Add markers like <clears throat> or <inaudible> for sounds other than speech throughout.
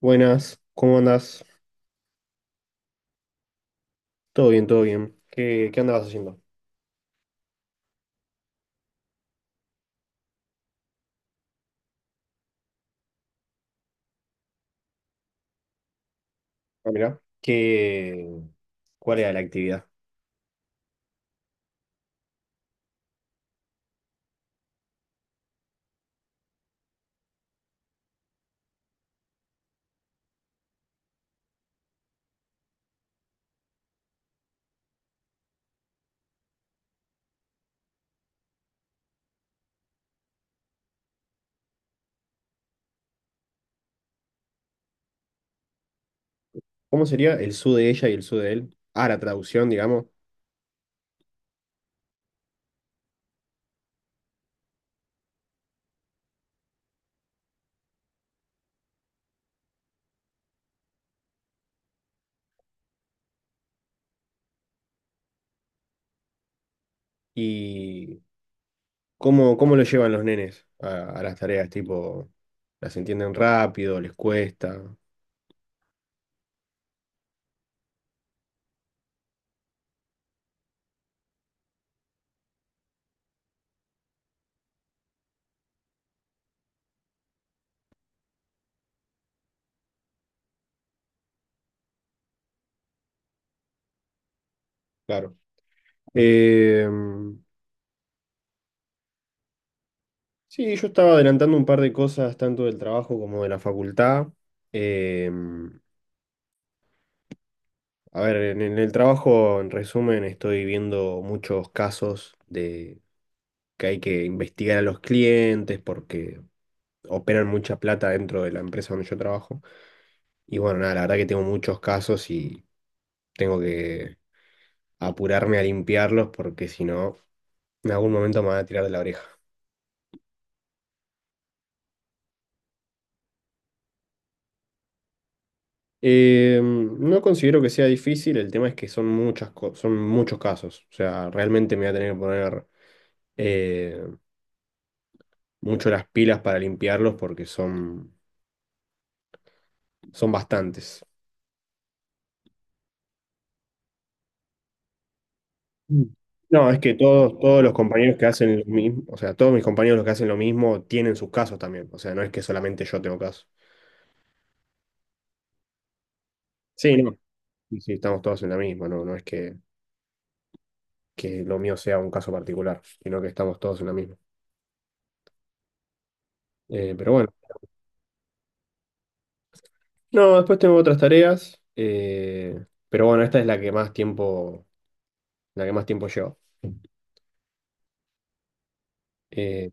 Buenas, ¿cómo andás? Todo bien, todo bien. ¿Qué andabas haciendo? Ah, mirá. ¿Qué, cuál era la actividad? ¿Cómo sería el su de ella y el su de él? Ah, la traducción, digamos. ¿Y cómo lo llevan los nenes a las tareas? Tipo, ¿las entienden rápido? ¿Les cuesta? Claro. Eh, sí, yo estaba adelantando un par de cosas, tanto del trabajo como de la facultad. Eh, A ver, en el trabajo, en resumen, estoy viendo muchos casos de que hay que investigar a los clientes porque operan mucha plata dentro de la empresa donde yo trabajo. Y bueno, nada, la verdad que tengo muchos casos y tengo que apurarme a limpiarlos porque si no, en algún momento me van a tirar de la oreja. No considero que sea difícil, el tema es que son muchas, son muchos casos. O sea, realmente me voy a tener que poner... eh, mucho las pilas para limpiarlos porque son, son bastantes. Mm. No, es que todos los compañeros que hacen lo mismo, o sea, todos mis compañeros los que hacen lo mismo tienen sus casos también. O sea, no es que solamente yo tengo casos. Sí, no. Sí, sí, estamos todos en la misma, no, no es que lo mío sea un caso particular, sino que estamos todos en la misma. Pero bueno. No, después tengo otras tareas, pero bueno, esta es la que más tiempo, la que más tiempo lleva. Eh,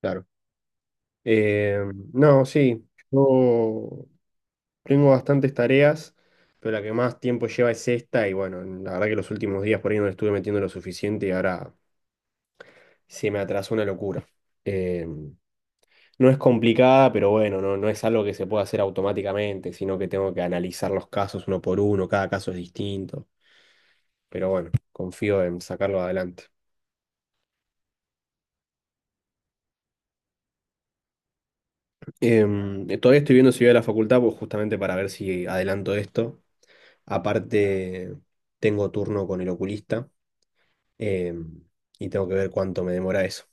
claro. Eh, no, sí, yo tengo bastantes tareas, pero la que más tiempo lleva es esta y bueno, la verdad que los últimos días por ahí no le estuve metiendo lo suficiente y ahora se me atrasó una locura. Eh, no es complicada, pero bueno, no, no es algo que se pueda hacer automáticamente, sino que tengo que analizar los casos uno por uno, cada caso es distinto, pero bueno, confío en sacarlo adelante. Todavía estoy viendo si voy a la facultad, pues justamente para ver si adelanto esto. Aparte, tengo turno con el oculista em, y tengo que ver cuánto me demora eso.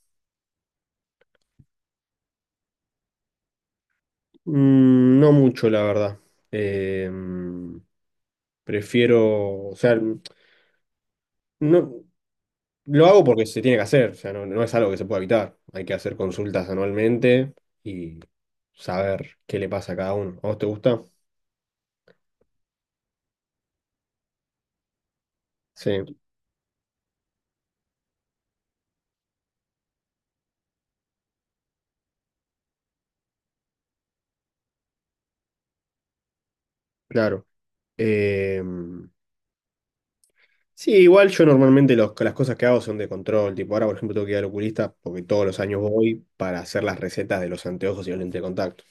Mm, no mucho, la verdad. Em, prefiero, o sea, no, lo hago porque se tiene que hacer, o sea, no, no es algo que se pueda evitar. Hay que hacer consultas anualmente y saber qué le pasa a cada uno. ¿A vos te gusta? Sí, claro. Em, Sí, igual yo normalmente las cosas que hago son de control. Tipo, ahora por ejemplo tengo que ir al oculista porque todos los años voy para hacer las recetas de los anteojos y los lentes de contacto.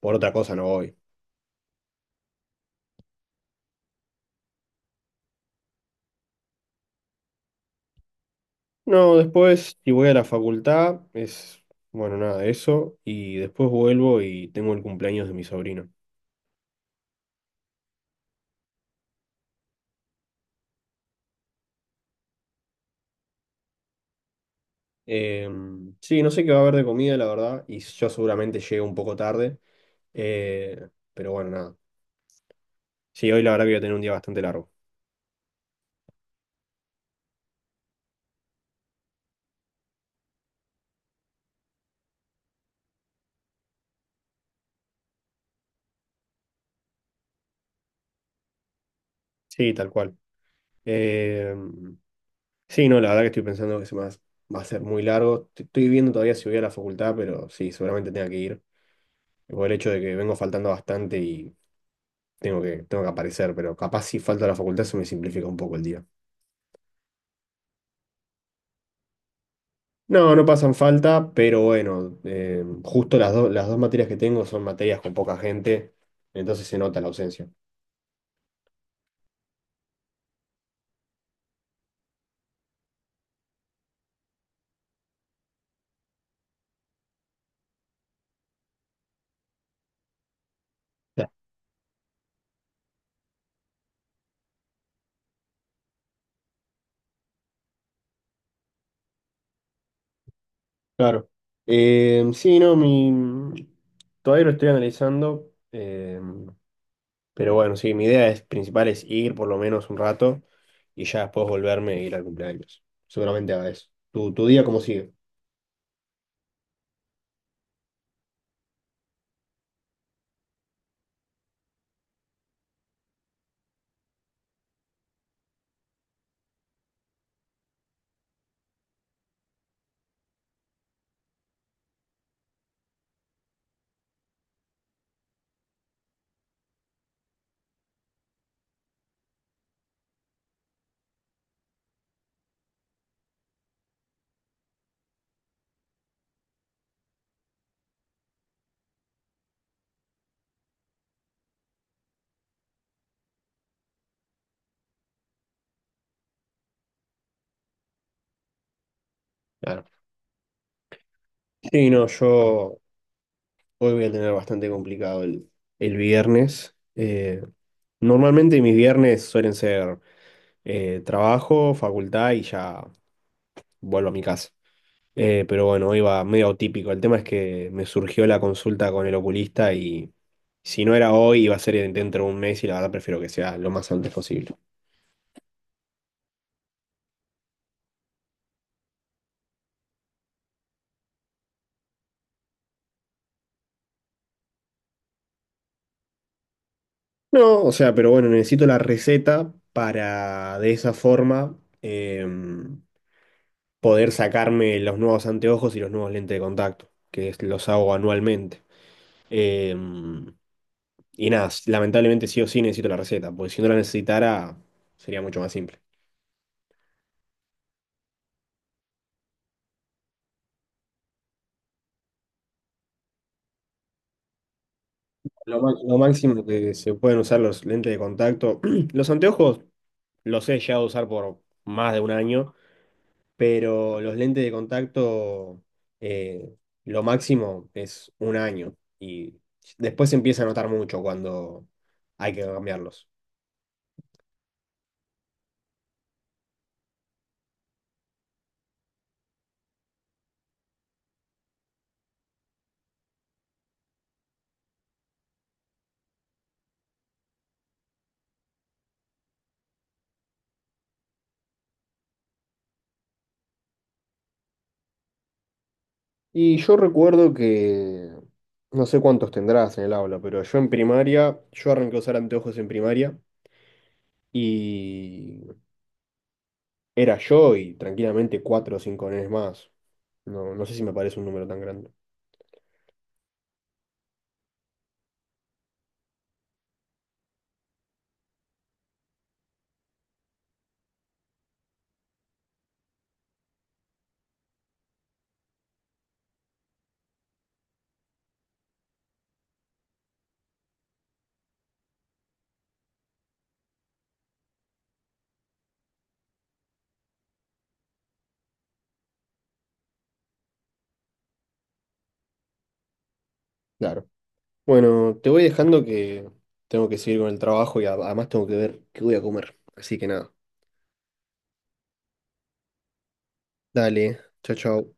Por otra cosa no voy. No, después si voy a la facultad es, bueno, nada de eso. Y después vuelvo y tengo el cumpleaños de mi sobrino. Eh, sí, no sé qué va a haber de comida, la verdad. Y yo seguramente llego un poco tarde. Eh, pero bueno, nada. Sí, hoy la verdad que voy a tener un día bastante largo. Sí, tal cual. Em, Sí, no, la verdad que estoy pensando que se me va a ser muy largo. Estoy viendo todavía si voy a la facultad, pero sí, seguramente tenga que ir. Por el hecho de que vengo faltando bastante y tengo que aparecer, pero capaz si falta a la facultad se me simplifica un poco el día. No, no pasan falta, pero bueno, justo las, las dos materias que tengo son materias con poca gente, entonces se nota la ausencia. Ya, claro. Sí, no, mi... todavía lo estoy analizando. Pero bueno, sí, mi idea es, principal es ir por lo menos un rato y ya después volverme e ir al cumpleaños. Seguramente haga eso. ¿Tu día cómo sigue? Claro. Sí, no, yo hoy voy a tener bastante complicado el viernes. Normalmente mis viernes suelen ser trabajo, facultad y ya vuelvo a mi casa. Pero bueno, iba medio atípico. El tema es que me surgió la consulta con el oculista y si no era hoy, iba a ser dentro de un mes y la verdad prefiero que sea lo más antes posible. No, o sea, pero bueno, necesito la receta para de esa forma poder sacarme los nuevos anteojos y los nuevos lentes de contacto, los hago anualmente. Em, y nada, lamentablemente sí o sí necesito la receta, porque si no la necesitara sería mucho más simple. Lo máximo que se pueden usar los lentes de contacto. <clears throat> Los anteojos los he llegado a usar por más de un año, pero los lentes de contacto, eh, lo máximo es un año. Y después se empieza a notar mucho cuando hay que cambiarlos. Y yo recuerdo que, no sé cuántos tendrás en el aula, pero yo en primaria, yo arranqué a usar anteojos en primaria. Y era yo y tranquilamente cuatro o cinco nenes más. No, no sé si me parece un número tan grande. Claro. Bueno, te voy dejando que tengo que seguir con el trabajo y además tengo que ver qué voy a comer. Así que nada. Dale. Chao, chao.